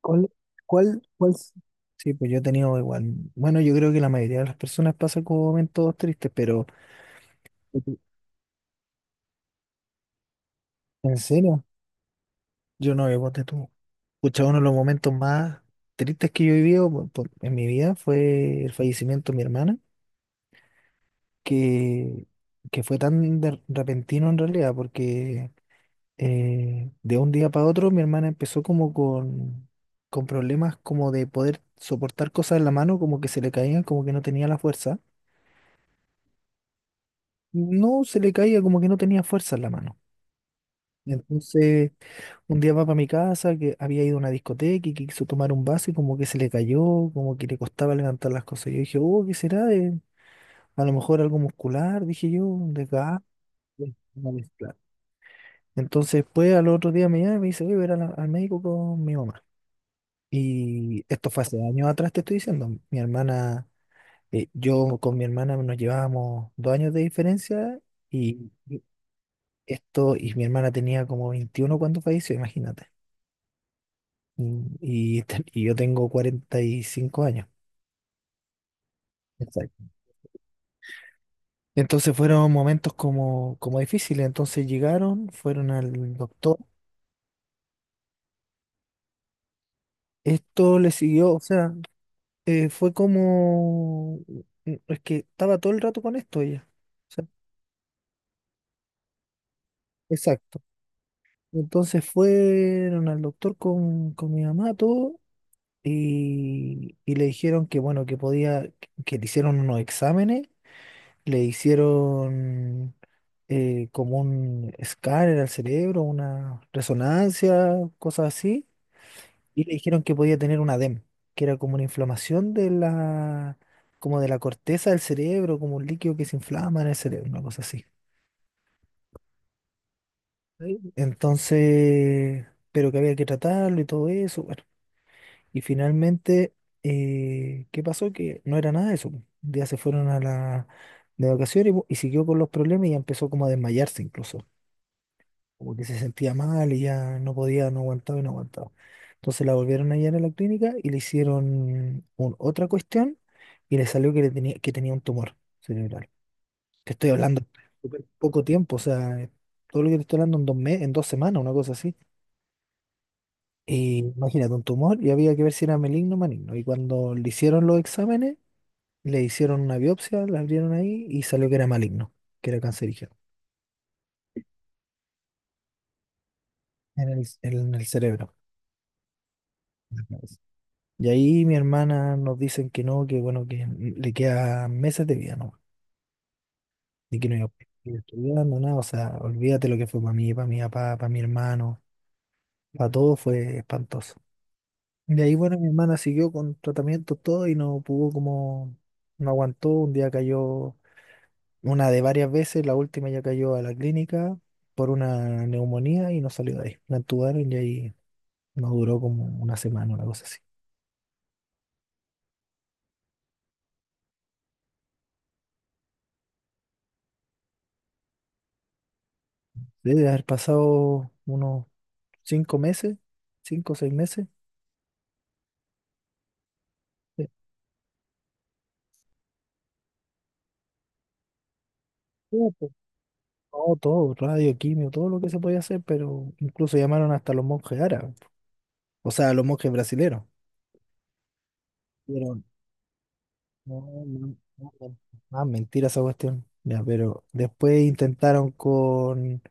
¿Cuál, cuál? Sí, pues yo he tenido igual. Bueno, yo creo que la mayoría de las personas pasan como momentos tristes, pero en serio, yo no, yo ponte tú. Escucha, uno de los momentos más tristes que yo he vivido en mi vida fue el fallecimiento de mi hermana, que, que fue tan repentino en realidad, porque de un día para otro mi hermana empezó como con problemas como de poder soportar cosas en la mano, como que se le caían, como que no tenía la fuerza. No se le caía como que no tenía fuerza en la mano. Entonces, un día va para mi casa, que había ido a una discoteca y que quiso tomar un vaso y como que se le cayó, como que le costaba levantar las cosas. Yo dije, oh, ¿qué será? A lo mejor algo muscular, dije yo, un desgaste, una mezcla. Entonces, después, al otro día me llama y me dice, voy a ver al médico con mi mamá. Y esto fue hace años atrás, te estoy diciendo. Mi hermana, yo con mi hermana nos llevábamos 2 años de diferencia. Y esto, y mi hermana tenía como 21 cuando falleció, imagínate. Y yo tengo 45 años. Exacto. Entonces fueron momentos como, como difíciles. Entonces llegaron, fueron al doctor. Esto le siguió, o sea, fue como... Es que estaba todo el rato con esto ella. O sea, exacto. Entonces fueron al doctor con mi mamá, todo, y le dijeron que, bueno, que podía, que le hicieron unos exámenes, le hicieron como un escáner al cerebro, una resonancia, cosas así, y le dijeron que podía tener un edema, que era como una inflamación de la, como de la corteza del cerebro, como un líquido que se inflama en el cerebro, una cosa así. Sí. Entonces, pero que había que tratarlo y todo eso, bueno. Y finalmente, ¿qué pasó? Que no era nada de eso. Un día se fueron a la de vacaciones y, y siguió con los problemas y ya empezó como a desmayarse incluso. Como que se sentía mal y ya no podía, no aguantaba y no aguantaba. Entonces la volvieron a llevar a la clínica y le hicieron otra cuestión y le salió que, que tenía un tumor cerebral. Te estoy hablando súper poco tiempo, o sea, todo lo que te estoy hablando en 2 meses, en 2 semanas, una cosa así. Y imagínate, un tumor y había que ver si era maligno o maligno. Y cuando le hicieron los exámenes, le hicieron una biopsia, la abrieron ahí y salió que era maligno, que era cancerígeno en el cerebro. Y ahí mi hermana nos dicen que no, que bueno, que le quedan meses de vida, ¿no? Y que no iba a seguir estudiando, nada, o sea, olvídate lo que fue para mí, para mi papá, para mi hermano, para todo fue espantoso. De ahí, bueno, mi hermana siguió con tratamiento todo y no pudo como, no aguantó, un día cayó, una de varias veces, la última ya cayó a la clínica por una neumonía y no salió de ahí. La entubaron y ahí no duró como una semana, una cosa así. Debe haber pasado unos 5 meses, 5 o 6 meses. Estuvo, pues, todo, todo, radio, quimio, todo lo que se podía hacer, pero incluso llamaron hasta los monjes árabes, o sea, los monjes brasileros. Pero, no, no, no, no, más mentira esa cuestión. Ya, pero después intentaron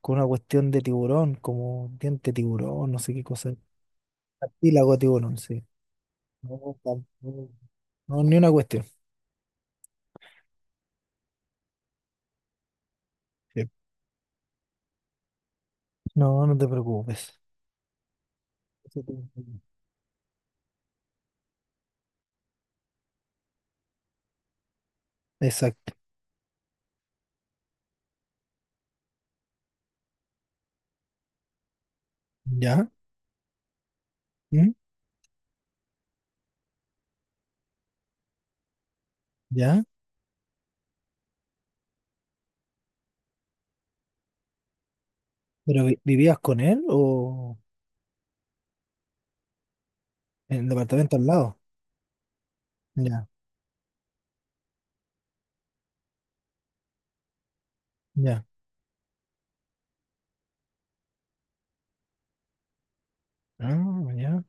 con una cuestión de tiburón, como diente de tiburón, no sé qué cosa. Cartílago de tiburón, sí. No, tampoco. No, no, ni una cuestión. Sí. No, no te preocupes. Eso te- Exacto. ¿Ya? ¿Mm? ¿Ya? ¿Pero vivías con él o en el departamento al lado? Ya, ya. Ah, ya.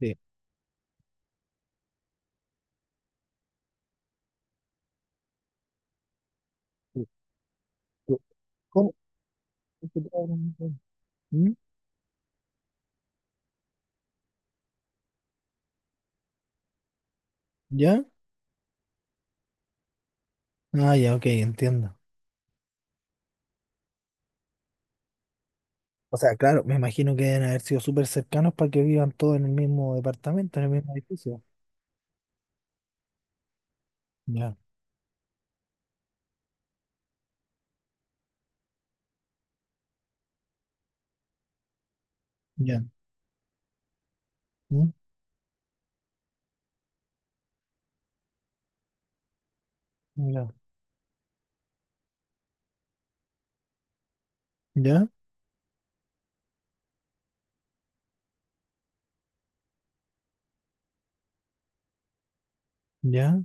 Sí. Sí, sí. ¿Cómo? ¿Mm? ¿Ya? Ah, ya, ok, entiendo. O sea, claro, me imagino que deben haber sido súper cercanos para que vivan todos en el mismo departamento, en el mismo edificio. Ya, ya. ¿Mm? Ya, ya, ya.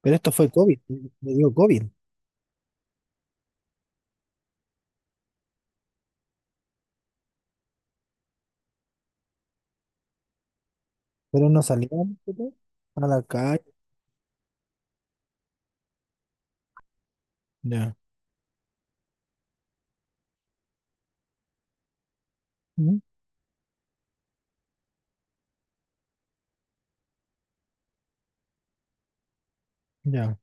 Pero esto fue COVID, le dio COVID, pero no salieron, ¿sí? A la calle. Ya, ¿mm? Ya.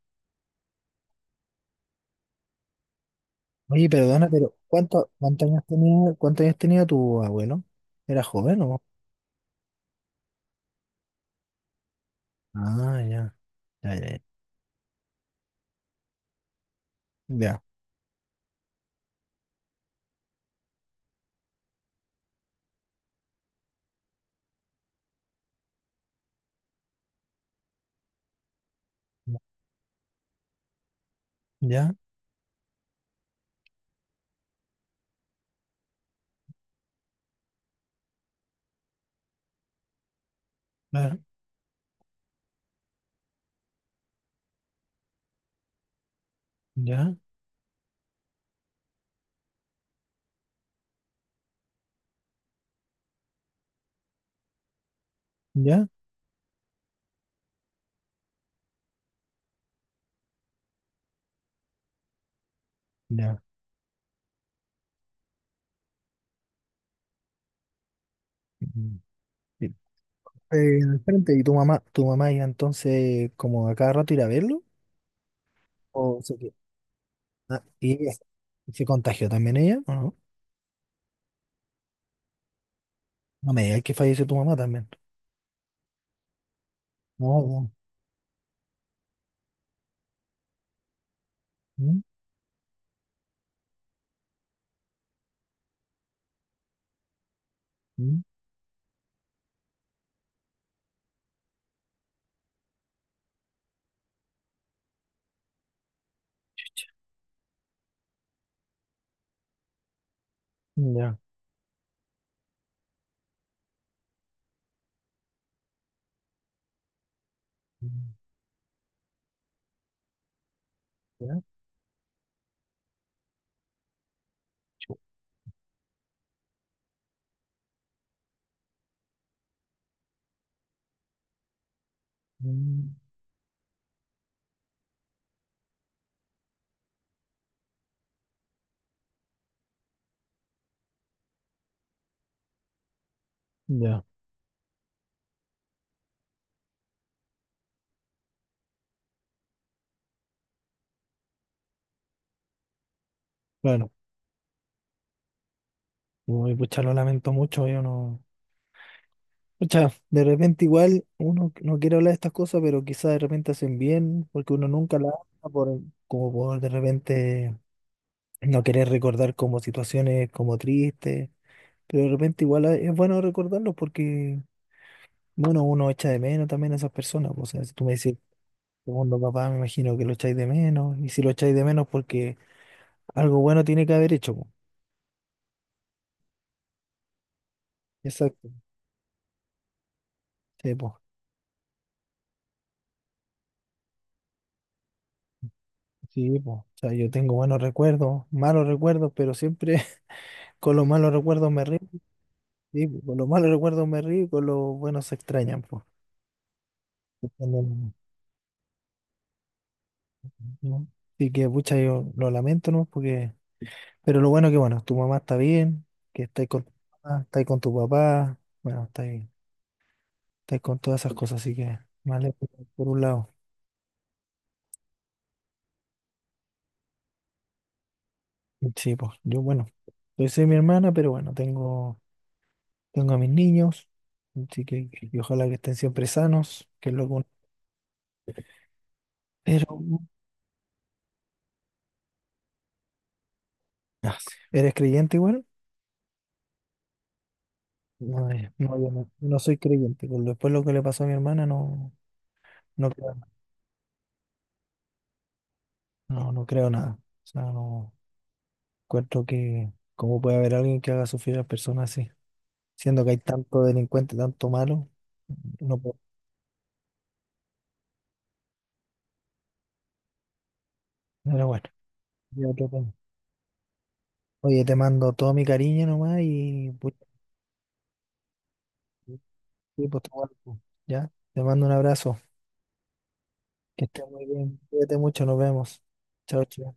Oye, perdona, pero ¿cuánto, cuántos años tenía tu abuelo? ¿Era joven o? Ah, ya, ya, ya, ya, ya, ya, ya, ya, ya. Mm. Sí. Al frente, ¿y tu mamá iba entonces como a cada rato ir a verlo? ¿O se quedó? Ah, ¿y ella se se contagió también ella? ¿O no? No me digas que falleció tu mamá también. No, no. Mm, mm, ya, mm, ya, chu, mm, ya. Bueno, uy, pucha, lo lamento mucho, yo no. Pucha, de repente igual uno no quiere hablar de estas cosas, pero quizás de repente hacen bien, porque uno nunca la habla por, como por de repente no querer recordar como situaciones como tristes, pero de repente igual es bueno recordarlo porque, bueno, uno echa de menos también a esas personas, pues, o sea, si tú me dices, segundo papá, me imagino que lo echáis de menos, y si lo echáis de menos porque algo bueno tiene que haber hecho, po. Exacto, sí, po. Sí, po. O sea, yo tengo buenos recuerdos, malos recuerdos, pero siempre con los malos recuerdos me río. Sí, pues, con los malos recuerdos me río y con los buenos se extrañan, pues. Cuando... ¿no? Así que, pucha, yo lo lamento, ¿no? Porque, pero lo bueno que, bueno, tu mamá está bien, que estáis con tu mamá, estáis con tu papá, bueno, estáis, estáis con todas esas cosas, así que, vale, por un lado. Sí, pues, yo, bueno, yo soy mi hermana, pero bueno, tengo, tengo a mis niños, así que, y ojalá que estén siempre sanos, que es lo que uno... Pero, ah, sí. ¿Eres creyente igual? No, no, yo no, no soy creyente. Con Después lo que le pasó a mi hermana, no, no creo, no, no creo nada. O sea, no encuentro que cómo puede haber alguien que haga sufrir a las personas así, siendo que hay tanto delincuente, tanto malo, no puedo. Pero bueno, ya otro tema. Oye, te mando todo mi cariño nomás y pues, sí, sí, pues, te guardo, ¿ya? Te mando un abrazo. Que estés muy bien. Cuídate mucho, nos vemos. Chao, chao.